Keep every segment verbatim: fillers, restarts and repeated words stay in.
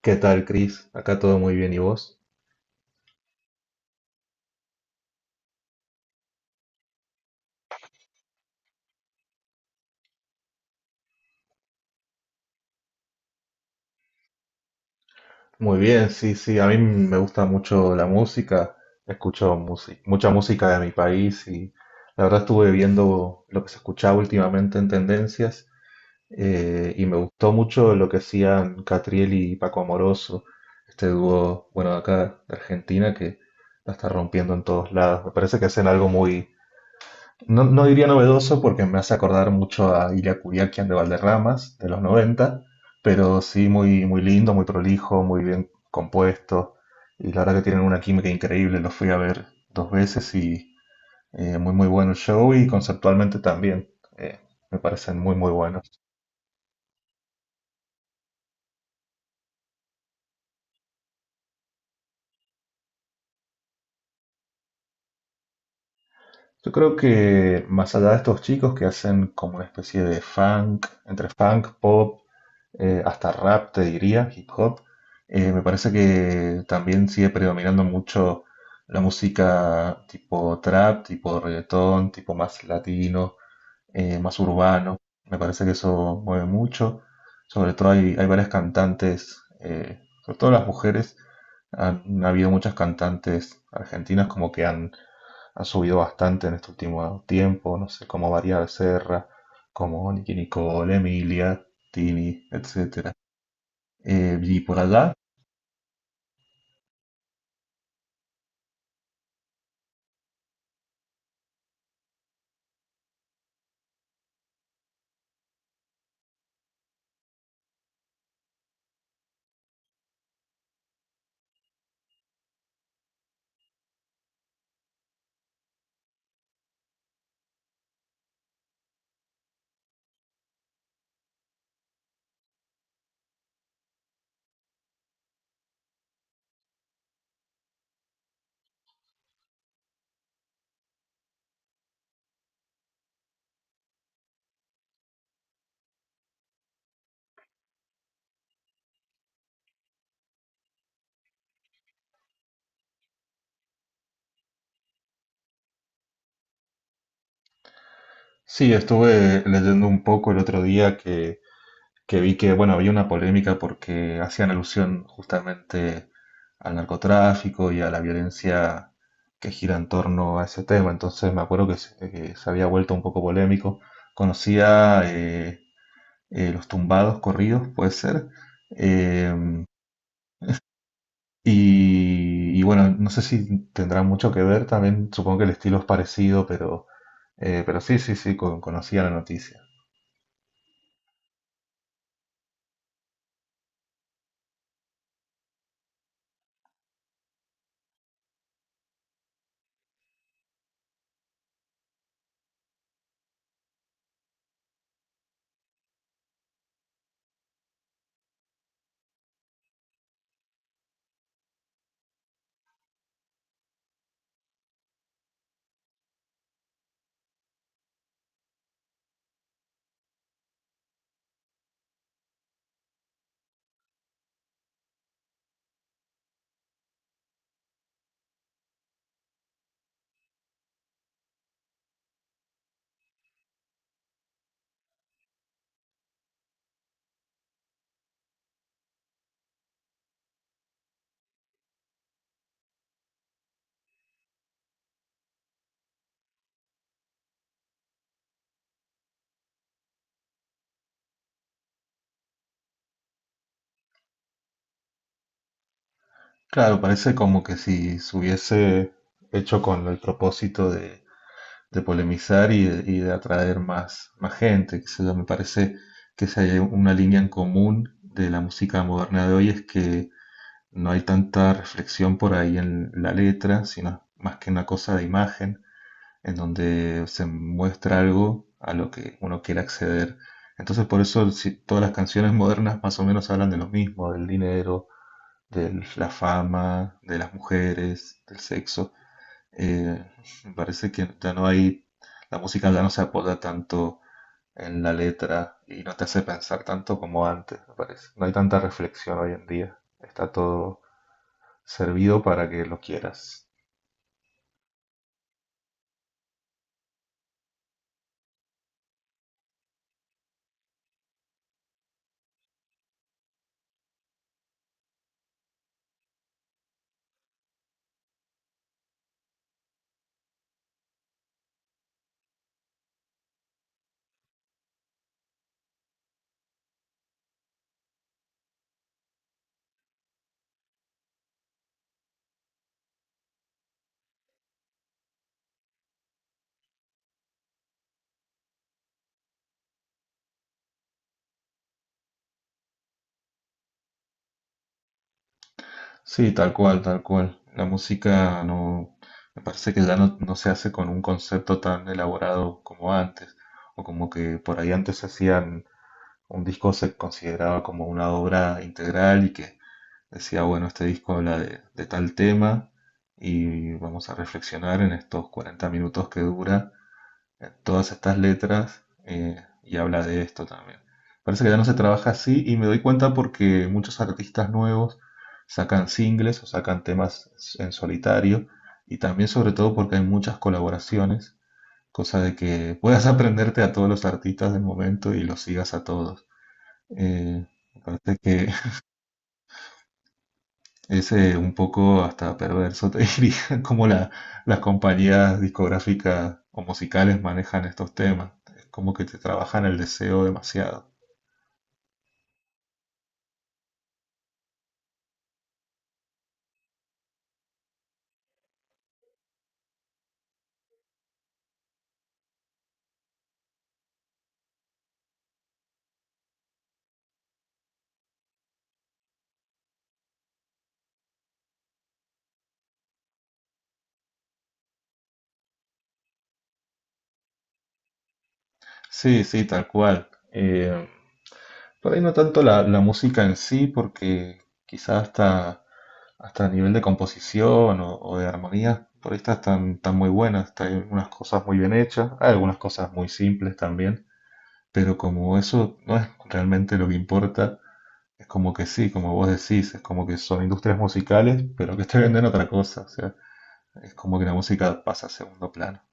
¿Qué tal, Chris? Acá todo muy bien, ¿y vos? Muy bien, sí, sí, a mí me gusta mucho la música, escucho musi- mucha música de mi país, y la verdad estuve viendo lo que se escuchaba últimamente en tendencias. Eh, y me gustó mucho lo que hacían Catriel y Paco Amoroso, este dúo, bueno, de acá de Argentina, que la está rompiendo en todos lados. Me parece que hacen algo muy... No, no diría novedoso, porque me hace acordar mucho a Ilya Kuryakin de Valderramas, de los noventa, pero sí muy, muy lindo, muy prolijo, muy bien compuesto. Y la verdad que tienen una química increíble. Los fui a ver dos veces, y eh, muy, muy bueno el show, y conceptualmente también. eh, Me parecen muy, muy buenos. Yo creo que más allá de estos chicos, que hacen como una especie de funk, entre funk, pop, eh, hasta rap, te diría, hip hop. Eh, me parece que también sigue predominando mucho la música tipo trap, tipo reggaetón, tipo más latino, eh, más urbano. Me parece que eso mueve mucho. Sobre todo hay, hay varias cantantes, eh, sobre todo las mujeres. Han, ha habido muchas cantantes argentinas como que han, han subido bastante en este último tiempo. No sé, como María Becerra, como Nicki Nicole, Emilia, Tini, etcétera. Eh, y por allá, sí, estuve leyendo un poco el otro día que que vi que, bueno, había una polémica porque hacían alusión justamente al narcotráfico y a la violencia que gira en torno a ese tema. Entonces me acuerdo que se, que se había vuelto un poco polémico. Conocía eh, eh, los tumbados corridos, puede ser. Eh, y, y bueno, no sé si tendrá mucho que ver también, supongo que el estilo es parecido, pero, eh, pero sí, sí, sí, con- conocía la noticia. Claro, parece como que si se hubiese hecho con el propósito de, de polemizar y de, y de atraer más, más gente, qué sé yo. Me parece que si hay una línea en común de la música moderna de hoy, es que no hay tanta reflexión por ahí en la letra, sino más que una cosa de imagen, en donde se muestra algo a lo que uno quiere acceder. Entonces, por eso si- todas las canciones modernas más o menos hablan de lo mismo, del dinero, de la fama, de las mujeres, del sexo. Eh, Me parece que ya no hay, la música ya no se apoya tanto en la letra y no te hace pensar tanto como antes, me parece. No hay tanta reflexión hoy en día. Está todo servido para que lo quieras. Sí, tal cual, tal cual. La música no, me parece que ya no, no se hace con un concepto tan elaborado como antes, o como que por ahí antes se hacían... Un disco se consideraba como una obra integral, y que decía, bueno, este disco habla de, de tal tema, y vamos a reflexionar en estos cuarenta minutos que dura en todas estas letras, eh, y habla de esto también. Parece que ya no se trabaja así, y me doy cuenta porque muchos artistas nuevos sacan singles o sacan temas en solitario, y también sobre todo porque hay muchas colaboraciones, cosa de que puedas aprenderte a todos los artistas del momento y los sigas a todos. Eh, Aparte que es eh, un poco hasta perverso, te diría, cómo la- las compañías discográficas o musicales manejan estos temas. Es como que te trabajan el deseo demasiado. Sí, sí, tal cual. Eh, por ahí no tanto la, la música en sí, porque quizás hasta, hasta a nivel de composición o, o de armonía, por ahí estas están, están muy buenas. Hay algunas cosas muy bien hechas, hay algunas cosas muy simples también, pero como eso no es realmente lo que importa... Es como que sí, como vos decís, es como que son industrias musicales, pero que te venden otra cosa. O sea, es como que la música pasa a segundo plano.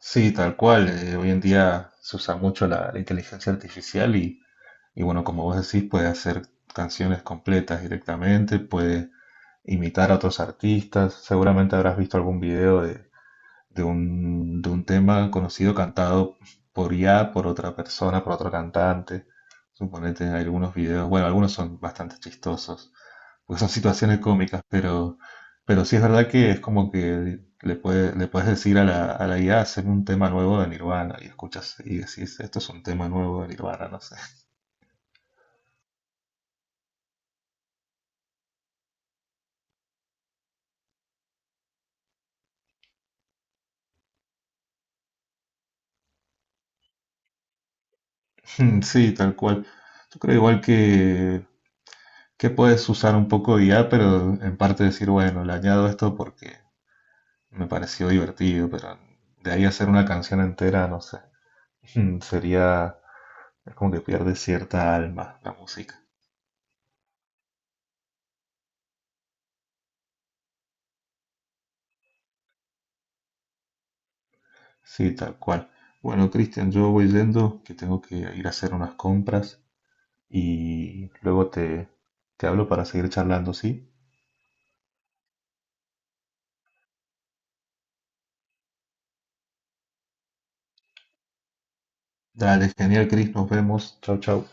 Sí, tal cual. Eh, hoy en día se usa mucho la, la inteligencia artificial, y, y bueno, como vos decís, puede hacer canciones completas directamente, puede imitar a otros artistas. Seguramente habrás visto algún video de, de un, de un tema conocido cantado por I A, por otra persona, por otro cantante. Suponete algunos videos, bueno, algunos son bastante chistosos porque son situaciones cómicas, pero, pero sí es verdad que es como que le puede, le puedes decir a la, a la I A: haceme un tema nuevo de Nirvana, y escuchas y decís, esto es un tema nuevo de Nirvana, no sé. Sí, tal cual. Yo creo igual que, que puedes usar un poco de I A, pero en parte decir, bueno, le añado esto porque me pareció divertido, pero de ahí hacer una canción entera, no sé, sería... Es como que pierde cierta alma la música. Sí, tal cual. Bueno, Cristian, yo voy yendo, que tengo que ir a hacer unas compras, y luego te, te hablo para seguir charlando, ¿sí? Dale, genial, Cris, nos vemos. Chau, chau.